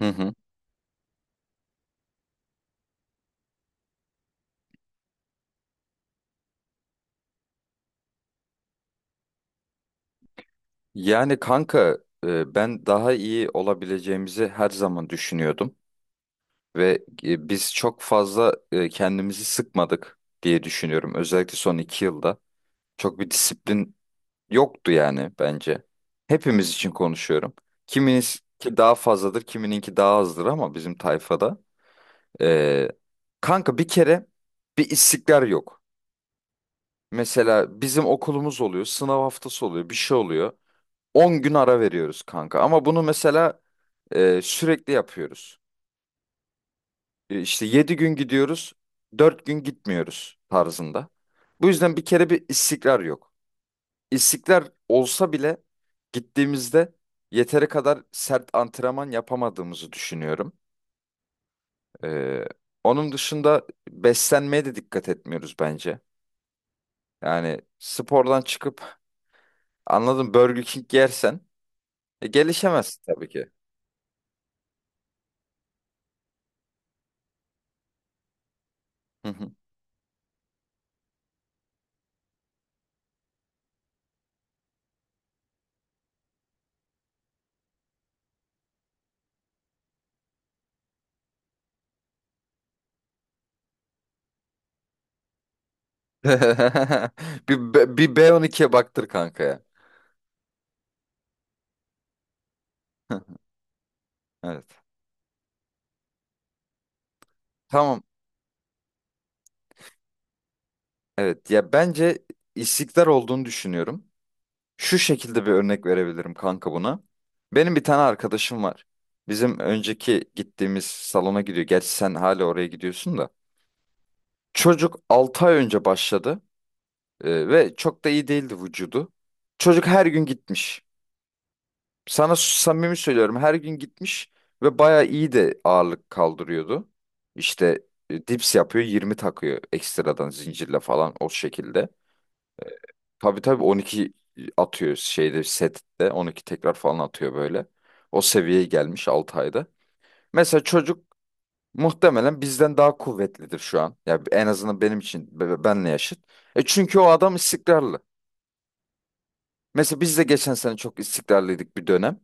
Hı hı. Yani kanka ben daha iyi olabileceğimizi her zaman düşünüyordum ve biz çok fazla kendimizi sıkmadık diye düşünüyorum. Özellikle son 2 yılda çok bir disiplin yoktu yani bence. Hepimiz için konuşuyorum. Kimininki daha fazladır, kimininki daha azdır ama bizim tayfada. e, kanka bir kere bir istikrar yok. Mesela bizim okulumuz oluyor, sınav haftası oluyor, bir şey oluyor. 10 gün ara veriyoruz kanka. Ama bunu mesela sürekli yapıyoruz. İşte 7 gün gidiyoruz, 4 gün gitmiyoruz tarzında. Bu yüzden bir kere bir istikrar yok. İstikrar olsa bile gittiğimizde yeteri kadar sert antrenman yapamadığımızı düşünüyorum. E, onun dışında beslenmeye de dikkat etmiyoruz bence. Yani spordan çıkıp anladım Burger King yersen gelişemezsin tabii ki. Hı. Bir B12'ye baktır kanka ya. Evet. Tamam. Evet ya bence istikrar olduğunu düşünüyorum. Şu şekilde bir örnek verebilirim kanka buna. Benim bir tane arkadaşım var. Bizim önceki gittiğimiz salona gidiyor. Gerçi sen hala oraya gidiyorsun da. Çocuk 6 ay önce başladı ve çok da iyi değildi vücudu. Çocuk her gün gitmiş. Sana samimi söylüyorum her gün gitmiş ve bayağı iyi de ağırlık kaldırıyordu. İşte dips yapıyor 20 takıyor ekstradan zincirle falan o şekilde. Tabii tabii 12 atıyor şeyde sette 12 tekrar falan atıyor böyle. O seviyeye gelmiş 6 ayda. Mesela çocuk muhtemelen bizden daha kuvvetlidir şu an. Ya en azından benim için benle yaşıt. Çünkü o adam istikrarlı. Mesela biz de geçen sene çok istikrarlıydık bir dönem.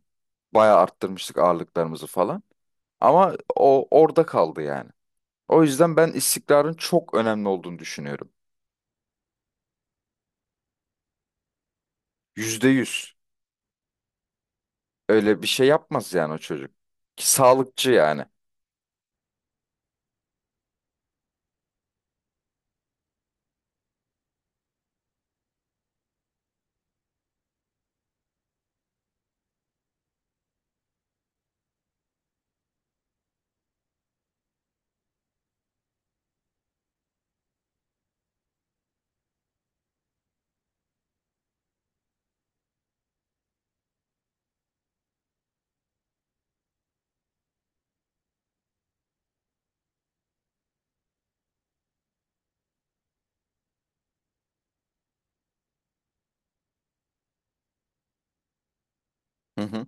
Bayağı arttırmıştık ağırlıklarımızı falan. Ama o orada kaldı yani. O yüzden ben istikrarın çok önemli olduğunu düşünüyorum. Yüzde yüz. Öyle bir şey yapmaz yani o çocuk. Ki sağlıkçı yani. Hı hı,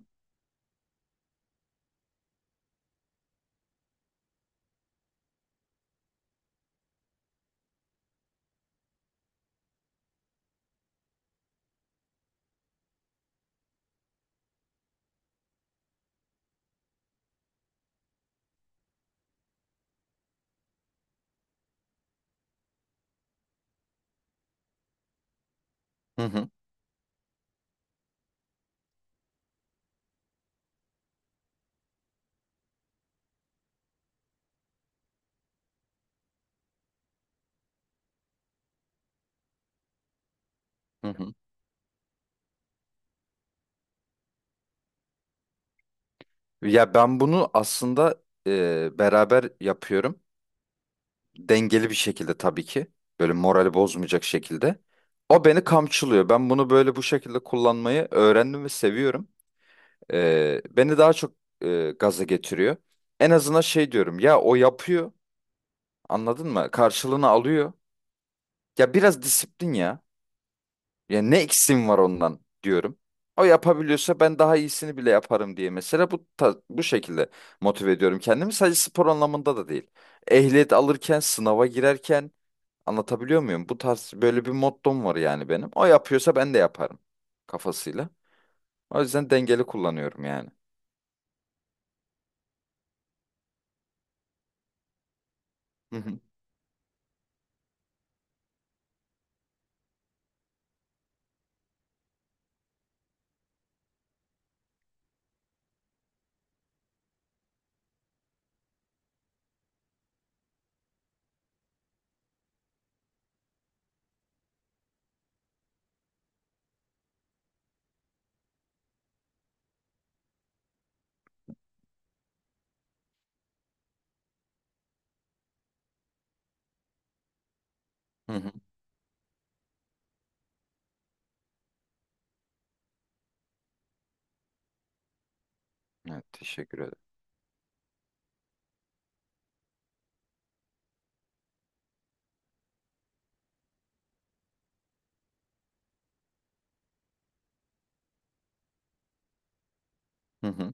hı hı, hı hı. Ya ben bunu aslında beraber yapıyorum. Dengeli bir şekilde tabii ki. Böyle morali bozmayacak şekilde. O beni kamçılıyor. Ben bunu böyle bu şekilde kullanmayı öğrendim ve seviyorum. Beni daha çok gaza getiriyor. En azından şey diyorum ya o yapıyor. Anladın mı? Karşılığını alıyor. Ya biraz disiplin ya. Ya ne eksiğim var ondan diyorum. O yapabiliyorsa ben daha iyisini bile yaparım diye mesela bu şekilde motive ediyorum kendimi. Sadece spor anlamında da değil. Ehliyet alırken, sınava girerken anlatabiliyor muyum? Bu tarz böyle bir mottom var yani benim. O yapıyorsa ben de yaparım kafasıyla. O yüzden dengeli kullanıyorum yani. Hı hı. Hı hı. Evet, teşekkür ederim. Hı hı.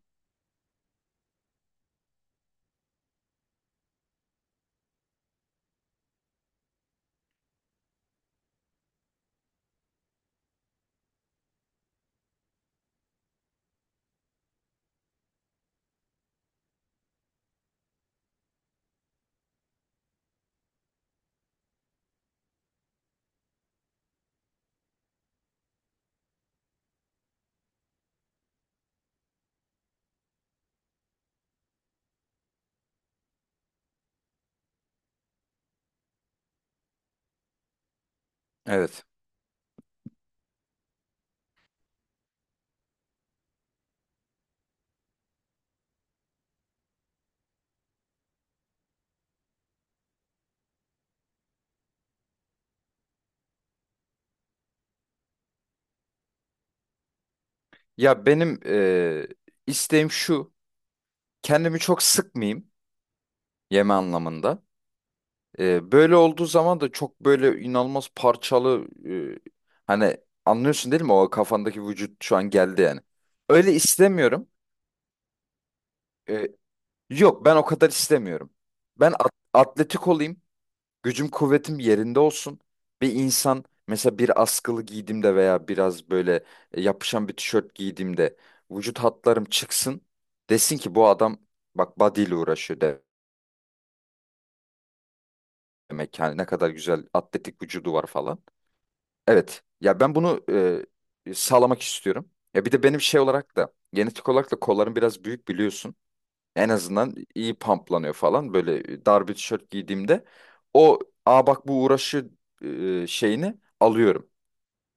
Evet. Ya benim isteğim şu. Kendimi çok sıkmayayım. Yeme anlamında. Böyle olduğu zaman da çok böyle inanılmaz parçalı hani anlıyorsun değil mi? O kafandaki vücut şu an geldi yani. Öyle istemiyorum. Ee, yok, ben o kadar istemiyorum. Ben atletik olayım. Gücüm kuvvetim yerinde olsun. Bir insan mesela bir askılı giydiğimde veya biraz böyle yapışan bir tişört giydiğimde vücut hatlarım çıksın. Desin ki bu adam bak body ile uğraşıyor demek. Yani ne kadar güzel atletik vücudu var falan. Evet. Ya ben bunu sağlamak istiyorum. Ya bir de benim şey olarak da genetik olarak da kollarım biraz büyük biliyorsun. En azından iyi pamplanıyor falan. Böyle dar bir tişört giydiğimde o aa bak bu uğraşı şeyini alıyorum.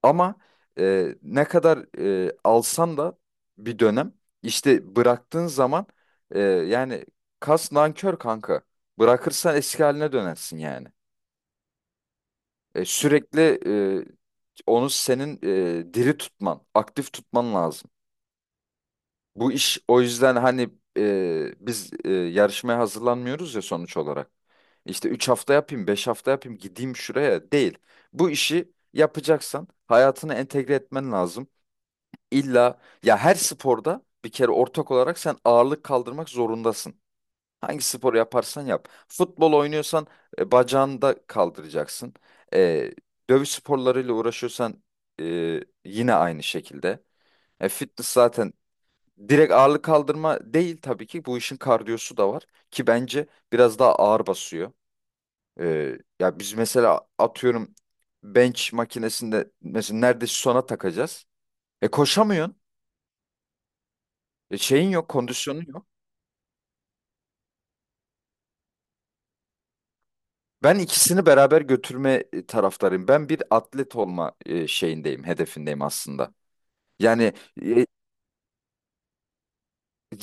Ama ne kadar alsan da bir dönem işte bıraktığın zaman yani kas nankör kanka. Bırakırsan eski haline dönersin yani. Sürekli e, onu senin diri tutman, aktif tutman lazım. Bu iş o yüzden hani biz yarışmaya hazırlanmıyoruz ya sonuç olarak. İşte 3 hafta yapayım, 5 hafta yapayım, gideyim şuraya değil. Bu işi yapacaksan hayatına entegre etmen lazım. İlla ya her sporda bir kere ortak olarak sen ağırlık kaldırmak zorundasın. Hangi sporu yaparsan yap. Futbol oynuyorsan bacağını da kaldıracaksın. E, dövüş sporlarıyla uğraşıyorsan yine aynı şekilde. Fitness zaten direkt ağırlık kaldırma değil tabii ki. Bu işin kardiyosu da var ki bence biraz daha ağır basıyor. Ya biz mesela atıyorum bench makinesinde mesela neredeyse sona takacağız. Koşamıyorsun. Şeyin yok, kondisyonun yok. Ben ikisini beraber götürme taraftarıyım. Ben bir atlet olma şeyindeyim, hedefindeyim aslında. Yani e,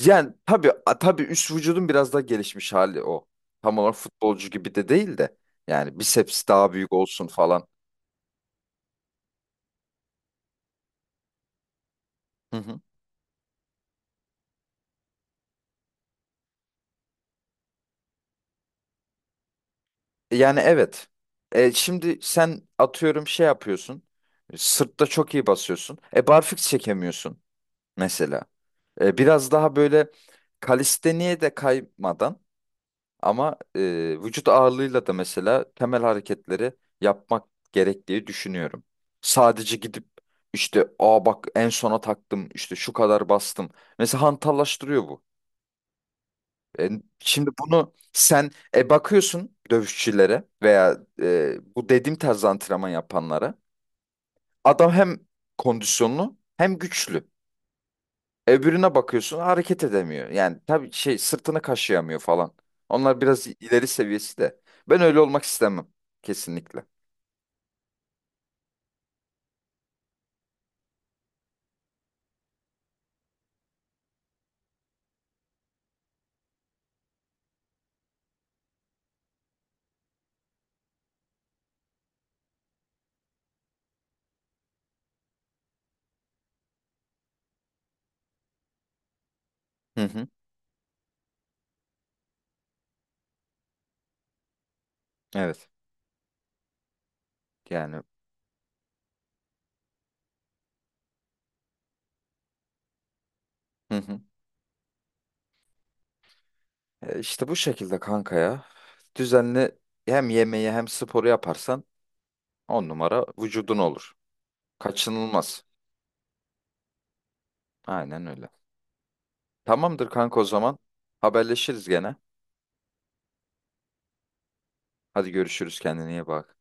yani tabii üst vücudun biraz daha gelişmiş hali o. Tam olarak futbolcu gibi de değil de yani biceps daha büyük olsun falan. Hı hı. Yani evet. Şimdi sen atıyorum şey yapıyorsun. Sırtta çok iyi basıyorsun. Barfiks çekemiyorsun mesela. Biraz daha böyle kalisteniye de kaymadan ama vücut ağırlığıyla da mesela temel hareketleri yapmak gerektiği düşünüyorum. Sadece gidip işte aa bak en sona taktım işte şu kadar bastım. Mesela hantallaştırıyor bu. E, şimdi bunu sen bakıyorsun dövüşçülere veya bu dediğim tarz antrenman yapanlara. Adam hem kondisyonlu hem güçlü. Öbürüne bakıyorsun hareket edemiyor. Yani tabii şey sırtını kaşıyamıyor falan. Onlar biraz ileri seviyesi de. Ben öyle olmak istemem. Kesinlikle. Hı hı. Evet. Yani hı hı. E, işte bu şekilde kanka ya. Düzenli hem yemeği hem sporu yaparsan on numara vücudun olur. Kaçınılmaz. Aynen öyle. Tamamdır kanka o zaman. Haberleşiriz gene. Hadi görüşürüz kendine iyi bak.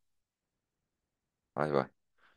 Bay bay.